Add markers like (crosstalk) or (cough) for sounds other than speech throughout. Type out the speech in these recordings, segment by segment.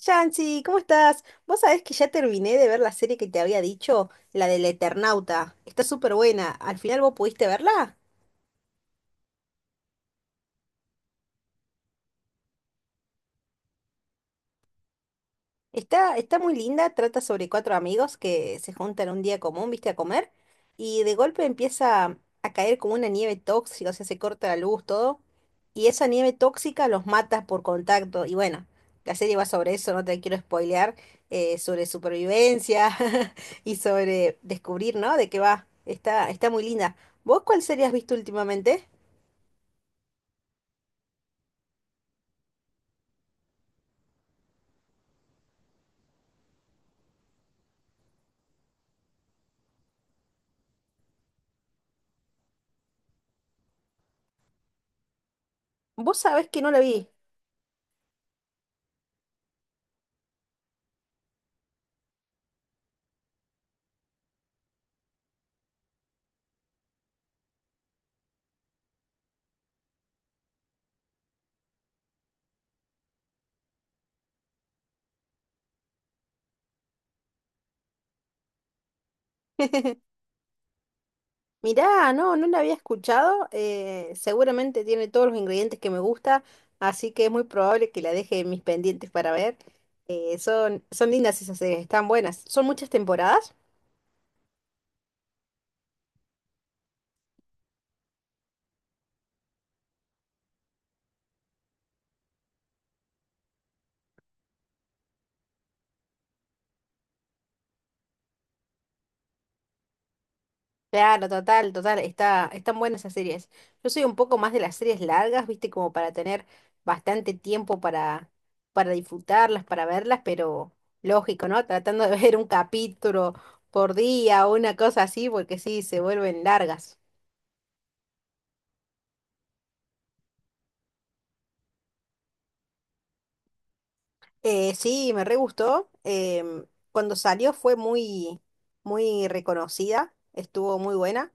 Yancy, ¿cómo estás? Vos sabés que ya terminé de ver la serie que te había dicho, la del Eternauta. Está súper buena. ¿Al final vos pudiste verla? Está muy linda, trata sobre cuatro amigos que se juntan un día común, viste, a comer, y de golpe empieza a caer como una nieve tóxica, o sea, se corta la luz, todo, y esa nieve tóxica los mata por contacto, y bueno, la serie va sobre eso, no te quiero spoilear, sobre supervivencia (laughs) y sobre descubrir, ¿no? De qué va. Está muy linda. ¿Vos cuál serie has visto últimamente? Vos sabés que no la vi. (laughs) Mirá, no, no la había escuchado. Seguramente tiene todos los ingredientes que me gusta, así que es muy probable que la deje en mis pendientes para ver. Son lindas esas series, están buenas. ¿Son muchas temporadas? Claro, total, total, están buenas esas series. Yo soy un poco más de las series largas, viste, como para tener bastante tiempo para disfrutarlas, para verlas, pero lógico, ¿no? Tratando de ver un capítulo por día o una cosa así, porque sí, se vuelven largas. Sí, me re gustó. Cuando salió fue muy, muy reconocida, estuvo muy buena.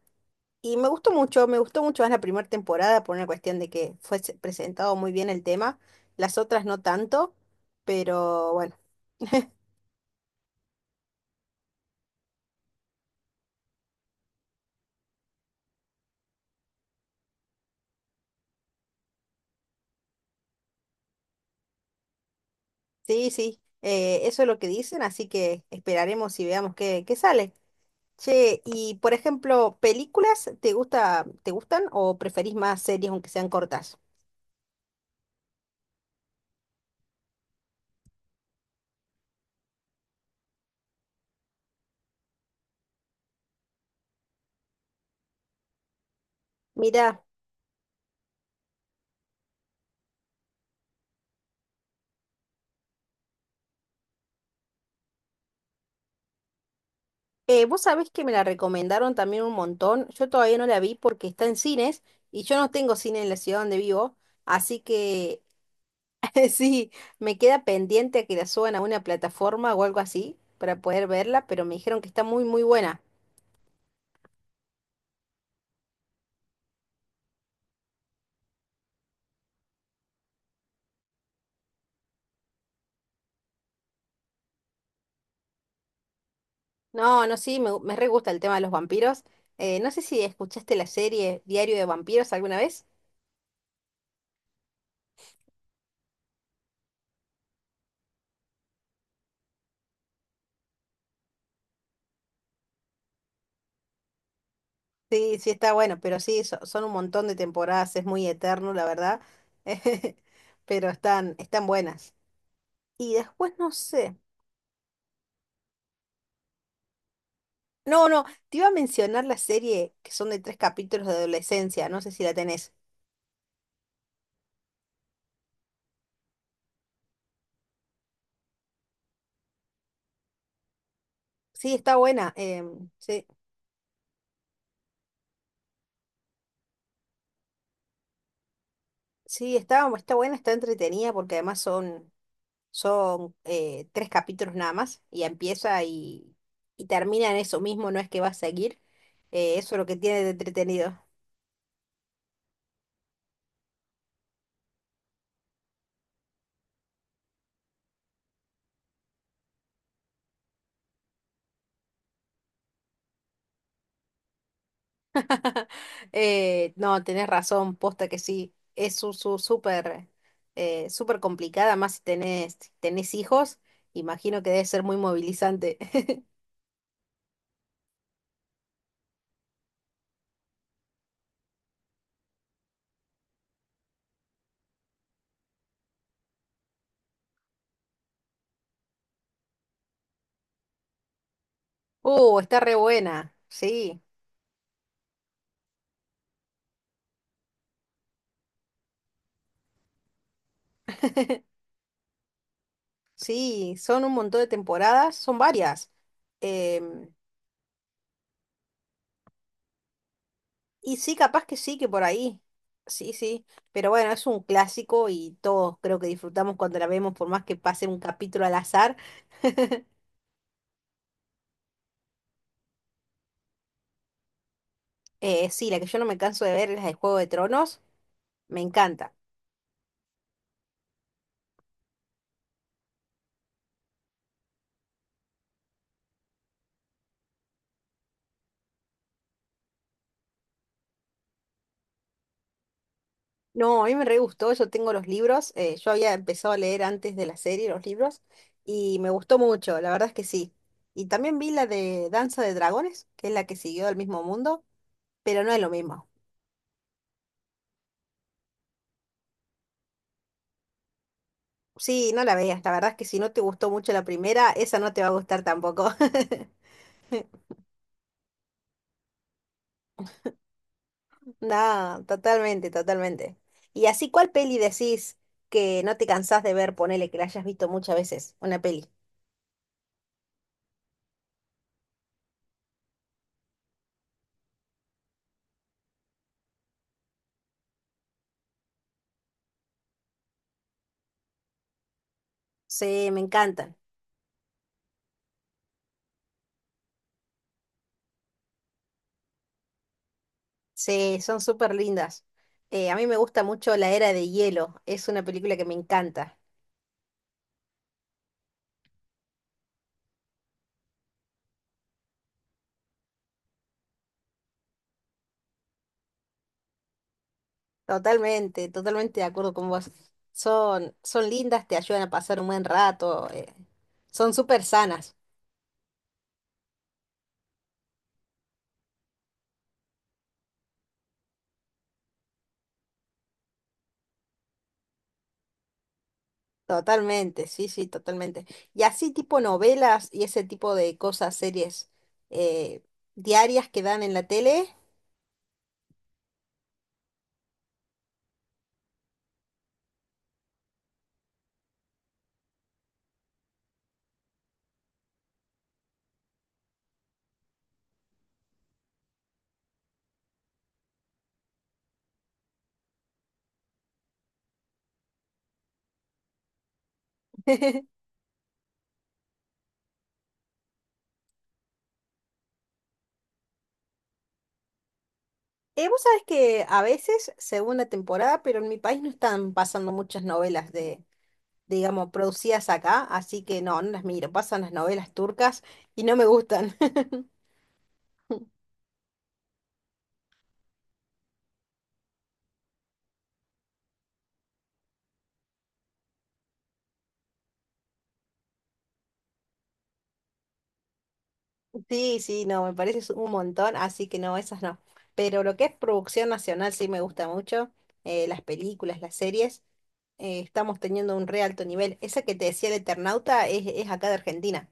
Y me gustó mucho más la primera temporada por una cuestión de que fue presentado muy bien el tema. Las otras no tanto, pero bueno, sí, sí, eso es lo que dicen, así que esperaremos y veamos qué sale. Che, y por ejemplo, ¿películas te gustan o preferís más series aunque sean cortas? Mira. Vos sabés que me la recomendaron también un montón. Yo todavía no la vi porque está en cines y yo no tengo cine en la ciudad donde vivo. Así que (laughs) sí, me queda pendiente a que la suban a una plataforma o algo así para poder verla, pero me dijeron que está muy, muy buena. No, no, sí, me re gusta el tema de los vampiros. No sé si escuchaste la serie Diario de Vampiros alguna vez. Sí, sí está bueno, pero sí, son un montón de temporadas, es muy eterno, la verdad. (laughs) Pero están buenas. Y después no sé. No, no, te iba a mencionar la serie que son de tres capítulos de adolescencia, no sé si la tenés. Sí, está buena, sí, sí, está buena, está entretenida porque además son, tres capítulos nada más y empieza y termina en eso mismo, no es que va a seguir, eso es lo que tiene de entretenido. (laughs) No, tenés razón, posta que sí, es súper complicada, más si tenés hijos, imagino que debe ser muy movilizante. (laughs) Oh, está re buena. Sí, sí, son un montón de temporadas, son varias. Em, y sí, capaz que sí, que por ahí. Sí, sí. Pero bueno, es un clásico y todos creo que disfrutamos cuando la vemos, por más que pase un capítulo al azar. Sí, la que yo no me canso de ver es la de Juego de Tronos. Me encanta. No, a mí me re gustó, yo tengo los libros. Yo había empezado a leer antes de la serie los libros y me gustó mucho, la verdad es que sí. Y también vi la de Danza de Dragones, que es la que siguió al mismo mundo, pero no es lo mismo. Sí, no la veas. La verdad es que si no te gustó mucho la primera, esa no te va a gustar tampoco. (laughs) No, totalmente, totalmente. Y así, ¿cuál peli decís que no te cansás de ver? Ponele que la hayas visto muchas veces, una peli. Sí, me encantan. Sí, son súper lindas. A mí me gusta mucho La Era de Hielo. Es una película que me encanta. Totalmente, totalmente de acuerdo con vos. Son lindas, te ayudan a pasar un buen rato. Son súper sanas. Totalmente, sí, sí, totalmente. Y así tipo novelas y ese tipo de cosas, series eh, diarias que dan en la tele. (laughs) Vos sabés que a veces, según la temporada, pero en mi país no están pasando muchas novelas de, digamos, producidas acá, así que no, no las miro. Pasan las novelas turcas y no me gustan. (laughs) Sí, sí, no, me parece es un montón, así que no, esas no. Pero lo que es producción nacional sí me gusta mucho, las películas, las series. Estamos teniendo un re alto nivel. Esa que te decía el Eternauta es acá de Argentina.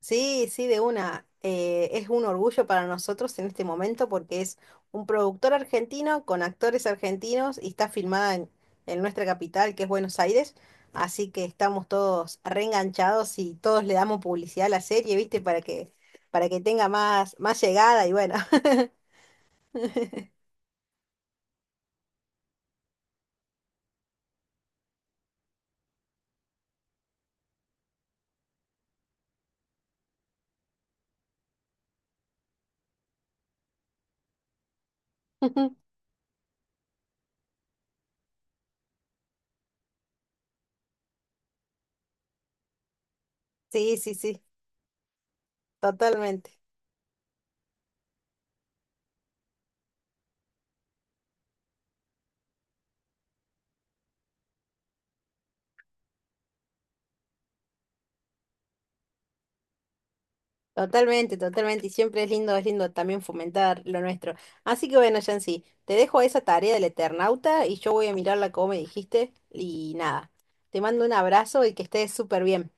Sí, sí, de una. Es un orgullo para nosotros en este momento porque es un productor argentino con actores argentinos y está filmada en nuestra capital, que es Buenos Aires. Así que estamos todos reenganchados y todos le damos publicidad a la serie, ¿viste? Para que tenga más, más llegada y bueno. (laughs) Sí, sí, sí, totalmente. Totalmente, totalmente, y siempre es lindo, también fomentar lo nuestro. Así que bueno, Yancy, te dejo esa tarea del Eternauta y yo voy a mirarla como me dijiste y nada, te mando un abrazo y que estés súper bien.